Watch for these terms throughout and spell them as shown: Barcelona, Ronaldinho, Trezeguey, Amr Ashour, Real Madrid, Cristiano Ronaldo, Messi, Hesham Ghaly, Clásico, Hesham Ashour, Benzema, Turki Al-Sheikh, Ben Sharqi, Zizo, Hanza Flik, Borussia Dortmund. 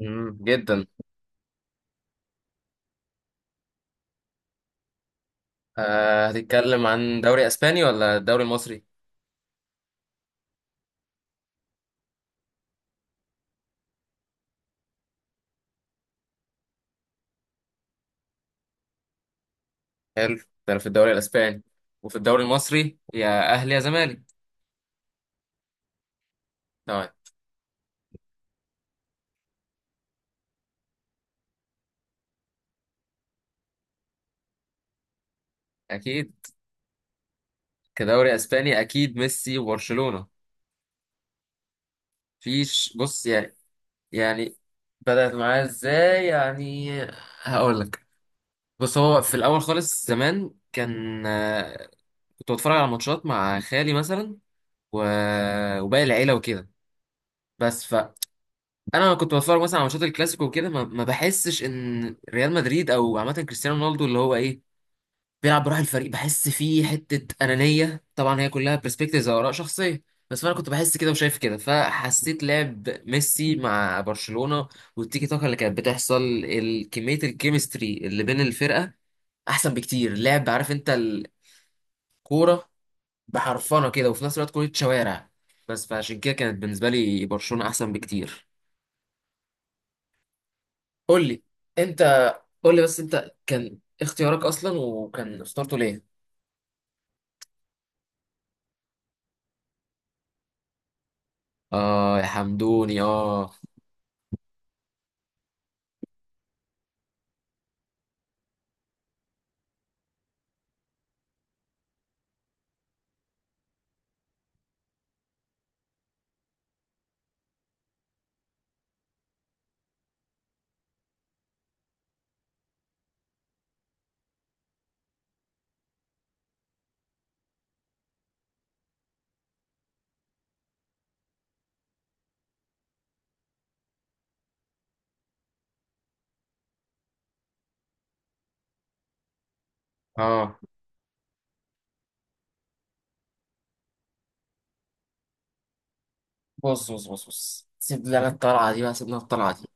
مم، جدا. هتتكلم عن دوري اسباني ولا الدوري المصري؟ حلو ده. انا في الدوري الاسباني، وفي الدوري المصري يا اهلي يا زمالك. تمام. اكيد، كدوري اسباني اكيد ميسي وبرشلونة. فيش، بص يعني. يعني بدأت معاه ازاي يعني. هقول لك. بص، هو في الاول خالص زمان كان، كنت بتفرج على ماتشات مع خالي مثلا و... وباقي العيلة وكده. بس انا كنت بتفرج مثلا على ماتشات الكلاسيكو وكده، ما بحسش ان ريال مدريد او عامه كريستيانو رونالدو اللي هو ايه بيلعب بروح الفريق، بحس فيه حته انانيه. طبعا هي كلها برسبكتيفز او اراء شخصيه، بس انا كنت بحس كده وشايف كده. فحسيت لعب ميسي مع برشلونه والتيكي تاكا اللي كانت بتحصل، كميه الكيمستري اللي بين الفرقه، احسن بكتير. لعب، عارف انت الكوره، بحرفنه كده، وفي نفس الوقت كوره شوارع. بس فعشان كده كانت بالنسبه لي برشلونه احسن بكتير. قول لي انت، قول لي بس انت كان اختيارك اصلا وكان اخترته ليه؟ اه يا حمدوني، اه اه. بص بص بص بص، سيب لنا الطلعه دي بقى، سيبنا الطلعه دي.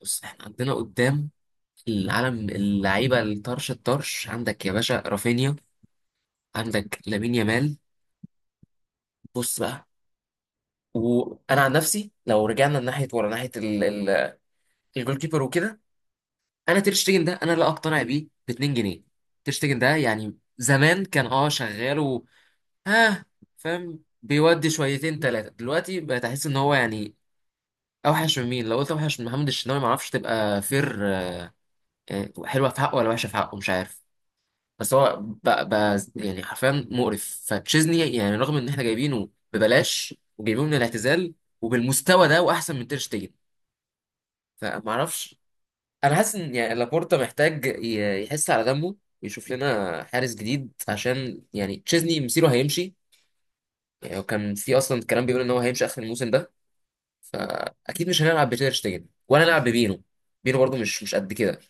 بص، احنا عندنا قدام العالم، اللعيبه الطرش الطرش، عندك يا باشا رافينيا، عندك لامين يامال. بص بقى، وانا عن نفسي لو رجعنا ناحيه ورا ناحيه الجول كيبر وكده، انا تير شتيجن ده انا لا اقتنع بيه ب 2 جنيه. تير شتيجن ده يعني زمان كان شغال، ها؟ فاهم، بيودي شويتين ثلاثة دلوقتي بقيت احس ان هو يعني اوحش من مين؟ لو قلت اوحش من محمد الشناوي ما اعرفش تبقى فير يعني، حلوة في حقه ولا وحشة في حقه مش عارف. بس هو بقى يعني حرفيا مقرف، فتشيزني يعني رغم ان احنا جايبينه ببلاش وجايبينه من الاعتزال وبالمستوى ده واحسن من تير شتيجن، فما اعرفش. انا حاسس ان يعني لابورتا محتاج يحس على دمه ويشوف لنا حارس جديد، عشان يعني تشيزني مصيره هيمشي. يعني هو كان في اصلا كلام بيقول ان هو هيمشي اخر الموسم ده، فاكيد مش هنلعب بتير شتيجن ولا نلعب ببينو. بينو برضو مش قد كده.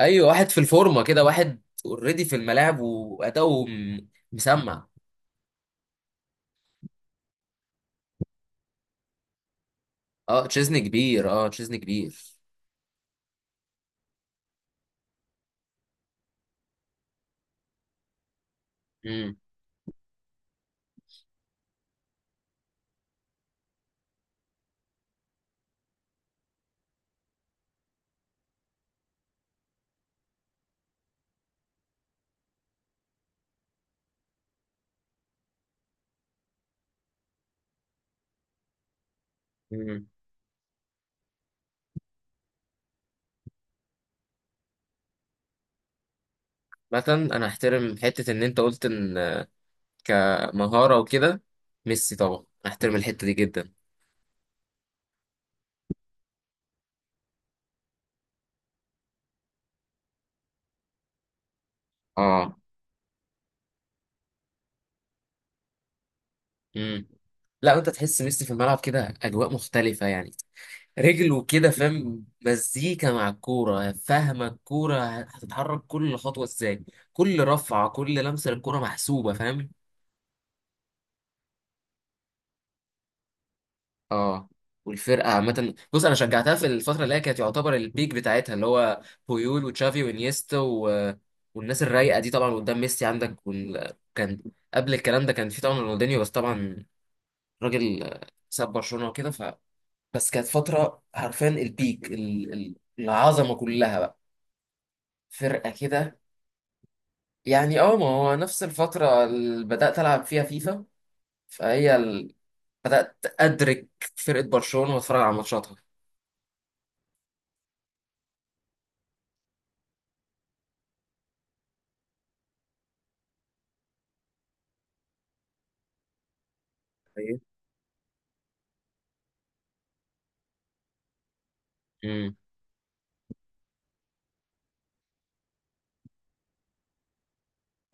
ايوه، واحد في الفورمه كده، واحد اوريدي في الملاعب واداؤه مسمع. اه تشيزني كبير، اه تشيزني كبير. امم امم مثلا انا احترم حته ان انت قلت ان كمهاره وكده ميسي طبعا، انا احترم الحته دي جدا. اه. امم لا، انت تحس ميسي في الملعب كده اجواء مختلفه يعني. رجله كده، فاهم، مزيكا مع الكورة، فاهمة الكورة هتتحرك كل خطوة ازاي. كل رفعة، كل لمسة للكورة محسوبة، فاهم. اه. والفرقة عامة، بص، أنا شجعتها في الفترة اللي هي كانت يعتبر البيك بتاعتها، اللي هو بويول وتشافي وانيستا والناس الرايقة دي، طبعا قدام ميسي عندك، كان قبل الكلام ده كان في طبعا رونالدينيو، بس طبعا راجل ساب برشلونة وكده، بس كانت فترة حرفيا البيك، العظمة كلها بقى، فرقة كده. يعني ما هو نفس الفترة اللي بدأت ألعب فيها فيفا، فهي بدأت أدرك فرقة برشلونة وأتفرج على ماتشاتها. ايه. امم.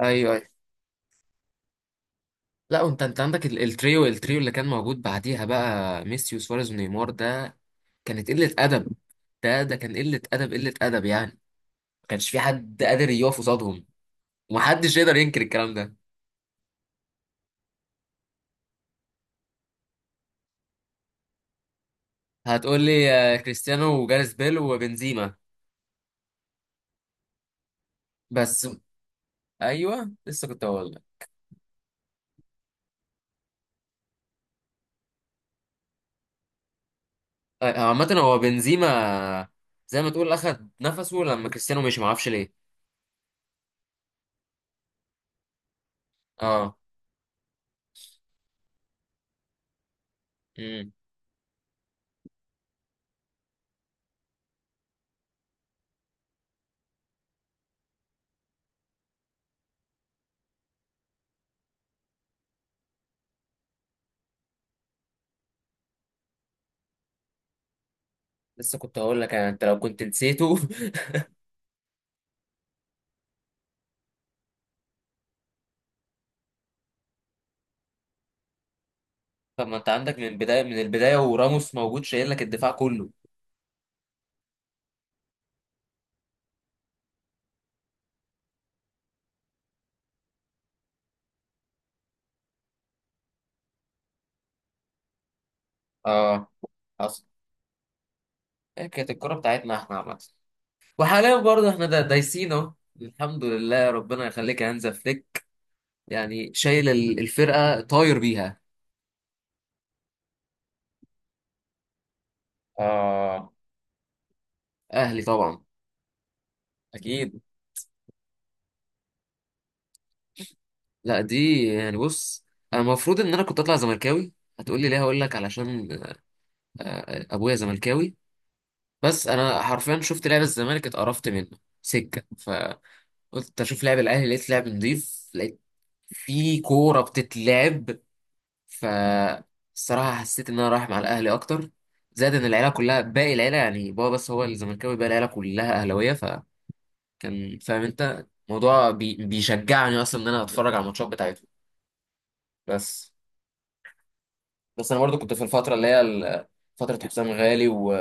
ايوه ايوه. لا، وانت عندك التريو اللي كان موجود بعديها بقى، ميسي وسواريز ونيمار ده، كانت قلة أدب. ده كان قلة أدب، قلة أدب يعني. ما كانش في حد قادر يقف قصادهم، ومحدش يقدر ينكر الكلام ده. هتقول لي كريستيانو وجاريث بيل وبنزيما. بس ايوه، لسه كنت هقول، عامة هو بنزيما زي ما تقول أخد نفسه لما كريستيانو مشي، معرفش ليه. اه. امم لسه كنت هقول لك يعني انت لو كنت نسيته. طب ما انت عندك من بداية، من البداية وراموس موجود شايل لك الدفاع كله. اه حصل. هي كانت الكرة بتاعتنا احنا عامة، وحاليا برضه احنا دايسين اهو، الحمد لله، ربنا يخليك يا هانزا فليك. يعني شايل الفرقة طاير بيها. اه. اهلي طبعا. اكيد. لا دي يعني، بص، انا المفروض ان انا كنت اطلع زملكاوي. هتقولي ليه؟ هقول لك، علشان ابويا زملكاوي. بس انا حرفيا شفت لعب الزمالك اتقرفت منه سكه، فقلت اشوف لعب الاهلي، لقيت لعب نضيف، لقيت في كوره بتتلعب. ف الصراحه حسيت ان انا رايح مع الاهلي اكتر. زائد ان العيله كلها، باقي العيله يعني، بابا بس هو الزملكاوي، باقي العيله كلها اهلاويه، فكان فاهم انت الموضوع بي... بيشجعني اصلا ان انا اتفرج على الماتشات بتاعتهم. بس. بس انا برضو كنت في الفتره اللي هي فتره حسام غالي، و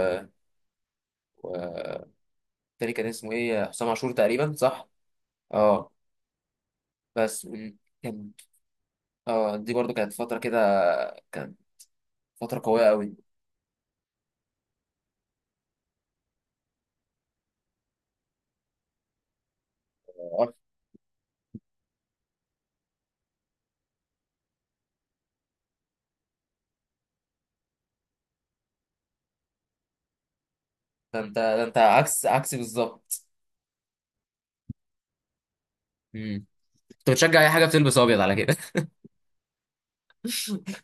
التاني كان اسمه ايه؟ حسام عاشور تقريبا، صح؟ اه. بس كان، اه دي برضو كانت فتره كده، كانت فتره قويه قوي. آه، ده انت عكس عكسي بالظبط. امم انت بتشجع اي حاجه بتلبس ابيض على كده.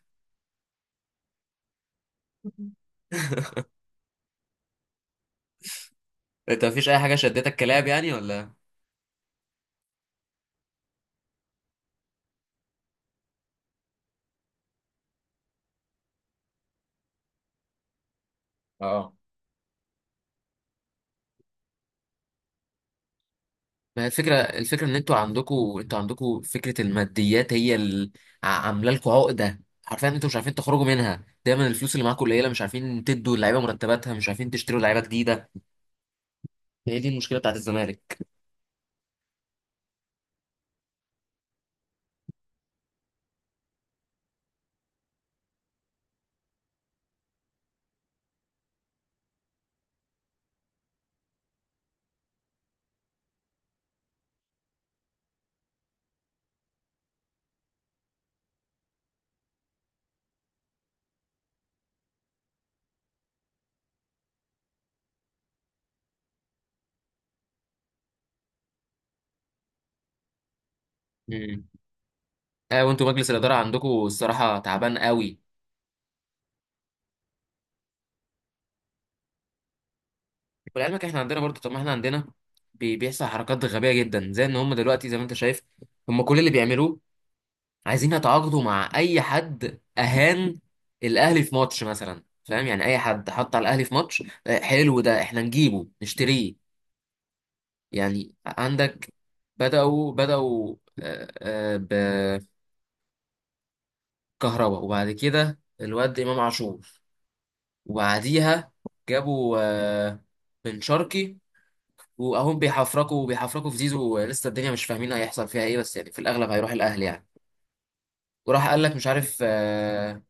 انت مفيش اي حاجه شدتك كلاب يعني، ولا؟ اه، ما هي الفكرة ان انتوا عندكوا فكرة الماديات هي اللي عاملة لكم عقدة حرفيا، انتوا مش عارفين تخرجوا منها. دايما الفلوس اللي معاكوا قليلة، مش عارفين تدوا اللعيبة مرتباتها، مش عارفين تشتروا لعيبة جديدة، هي دي المشكلة بتاعت الزمالك. امم اه، وانتوا مجلس الإدارة عندكوا الصراحة تعبان قوي. ولعلمك احنا عندنا برضه، طب ما احنا عندنا بيحصل حركات غبية جدا، زي ان هم دلوقتي زي ما انت شايف، هم كل اللي بيعملوه عايزين يتعاقدوا مع اي حد اهان الاهلي في ماتش مثلا، فاهم يعني؟ اي حد حط على الاهلي في ماتش، حلو ده، احنا نجيبه نشتريه. يعني عندك بدأوا بكهربا، وبعد كده الواد امام عاشور، وبعديها جابوا بن شرقي، واهم بيحفركوا في زيزو. لسه الدنيا مش فاهمين هيحصل فيها ايه، بس يعني في الاغلب هيروح الاهلي يعني. وراح قال لك مش عارف آه،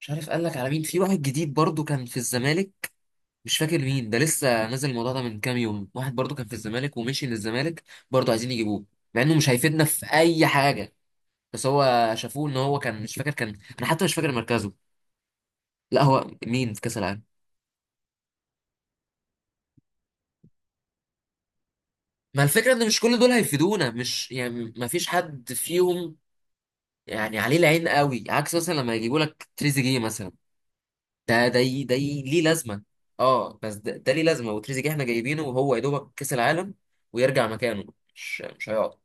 مش عارف قال لك على مين، في واحد جديد برضو كان في الزمالك، مش فاكر مين ده، لسه نازل الموضوع ده من كام يوم، واحد برضو كان في الزمالك ومشي للزمالك. برضو عايزين يجيبوه، مع انه مش هيفيدنا في اي حاجه. بس هو شافوه ان هو كان، مش فاكر، كان انا حتى مش فاكر مركزه. لا، هو مين في كاس العالم؟ ما الفكره ان مش كل دول هيفيدونا، مش يعني ما فيش حد فيهم يعني عليه العين قوي، عكس مثلا لما يجيبوا لك تريزيجيه مثلا. ده ليه لازمه؟ اه، بس ده ليه لازمه؟ وتريزيجيه احنا جايبينه وهو يا دوبك كاس العالم ويرجع مكانه، مش هيقعد.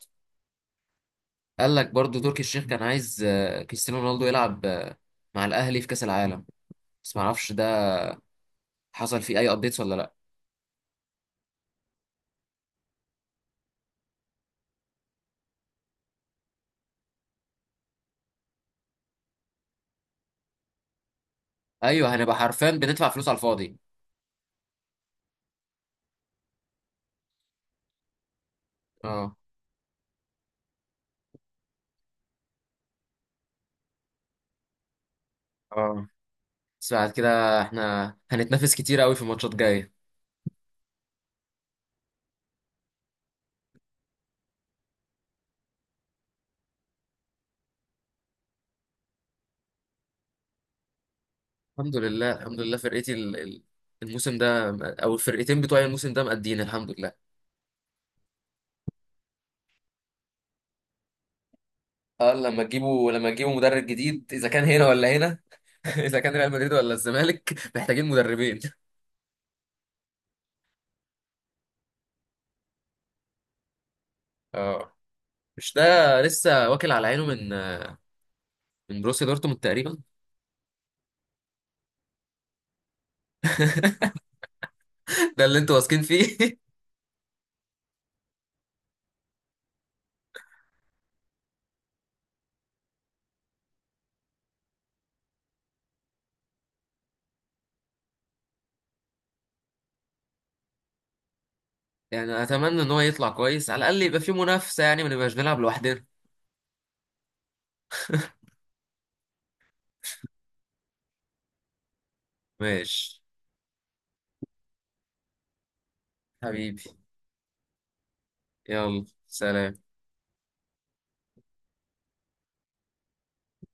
قال لك برضو تركي الشيخ كان عايز كريستيانو رونالدو يلعب مع الاهلي في كاس العالم، بس ما اعرفش ده حصل فيه اي ابديتس ولا لا. ايوه، هنبقى حرفيا بندفع فلوس على الفاضي. اه اه. بس بعد كده احنا هنتنافس كتير قوي في ماتشات جايه. الحمد لله الحمد لله، فرقتي الموسم ده او الفرقتين بتوعي الموسم ده مقدين، الحمد لله. اه، لما تجيبوا مدرب جديد، اذا كان هنا ولا هنا. اذا كان ريال مدريد ولا الزمالك محتاجين مدربين. اه، مش ده، لسه واكل على عينه من بروسيا دورتموند تقريبا. ده اللي انتوا واثقين فيه. يعني اتمنى ان هو يطلع كويس على الاقل، يبقى في منافسة يعني، ما نبقاش بنلعب لوحدنا. ماشي. حبيبي. يلا سلام.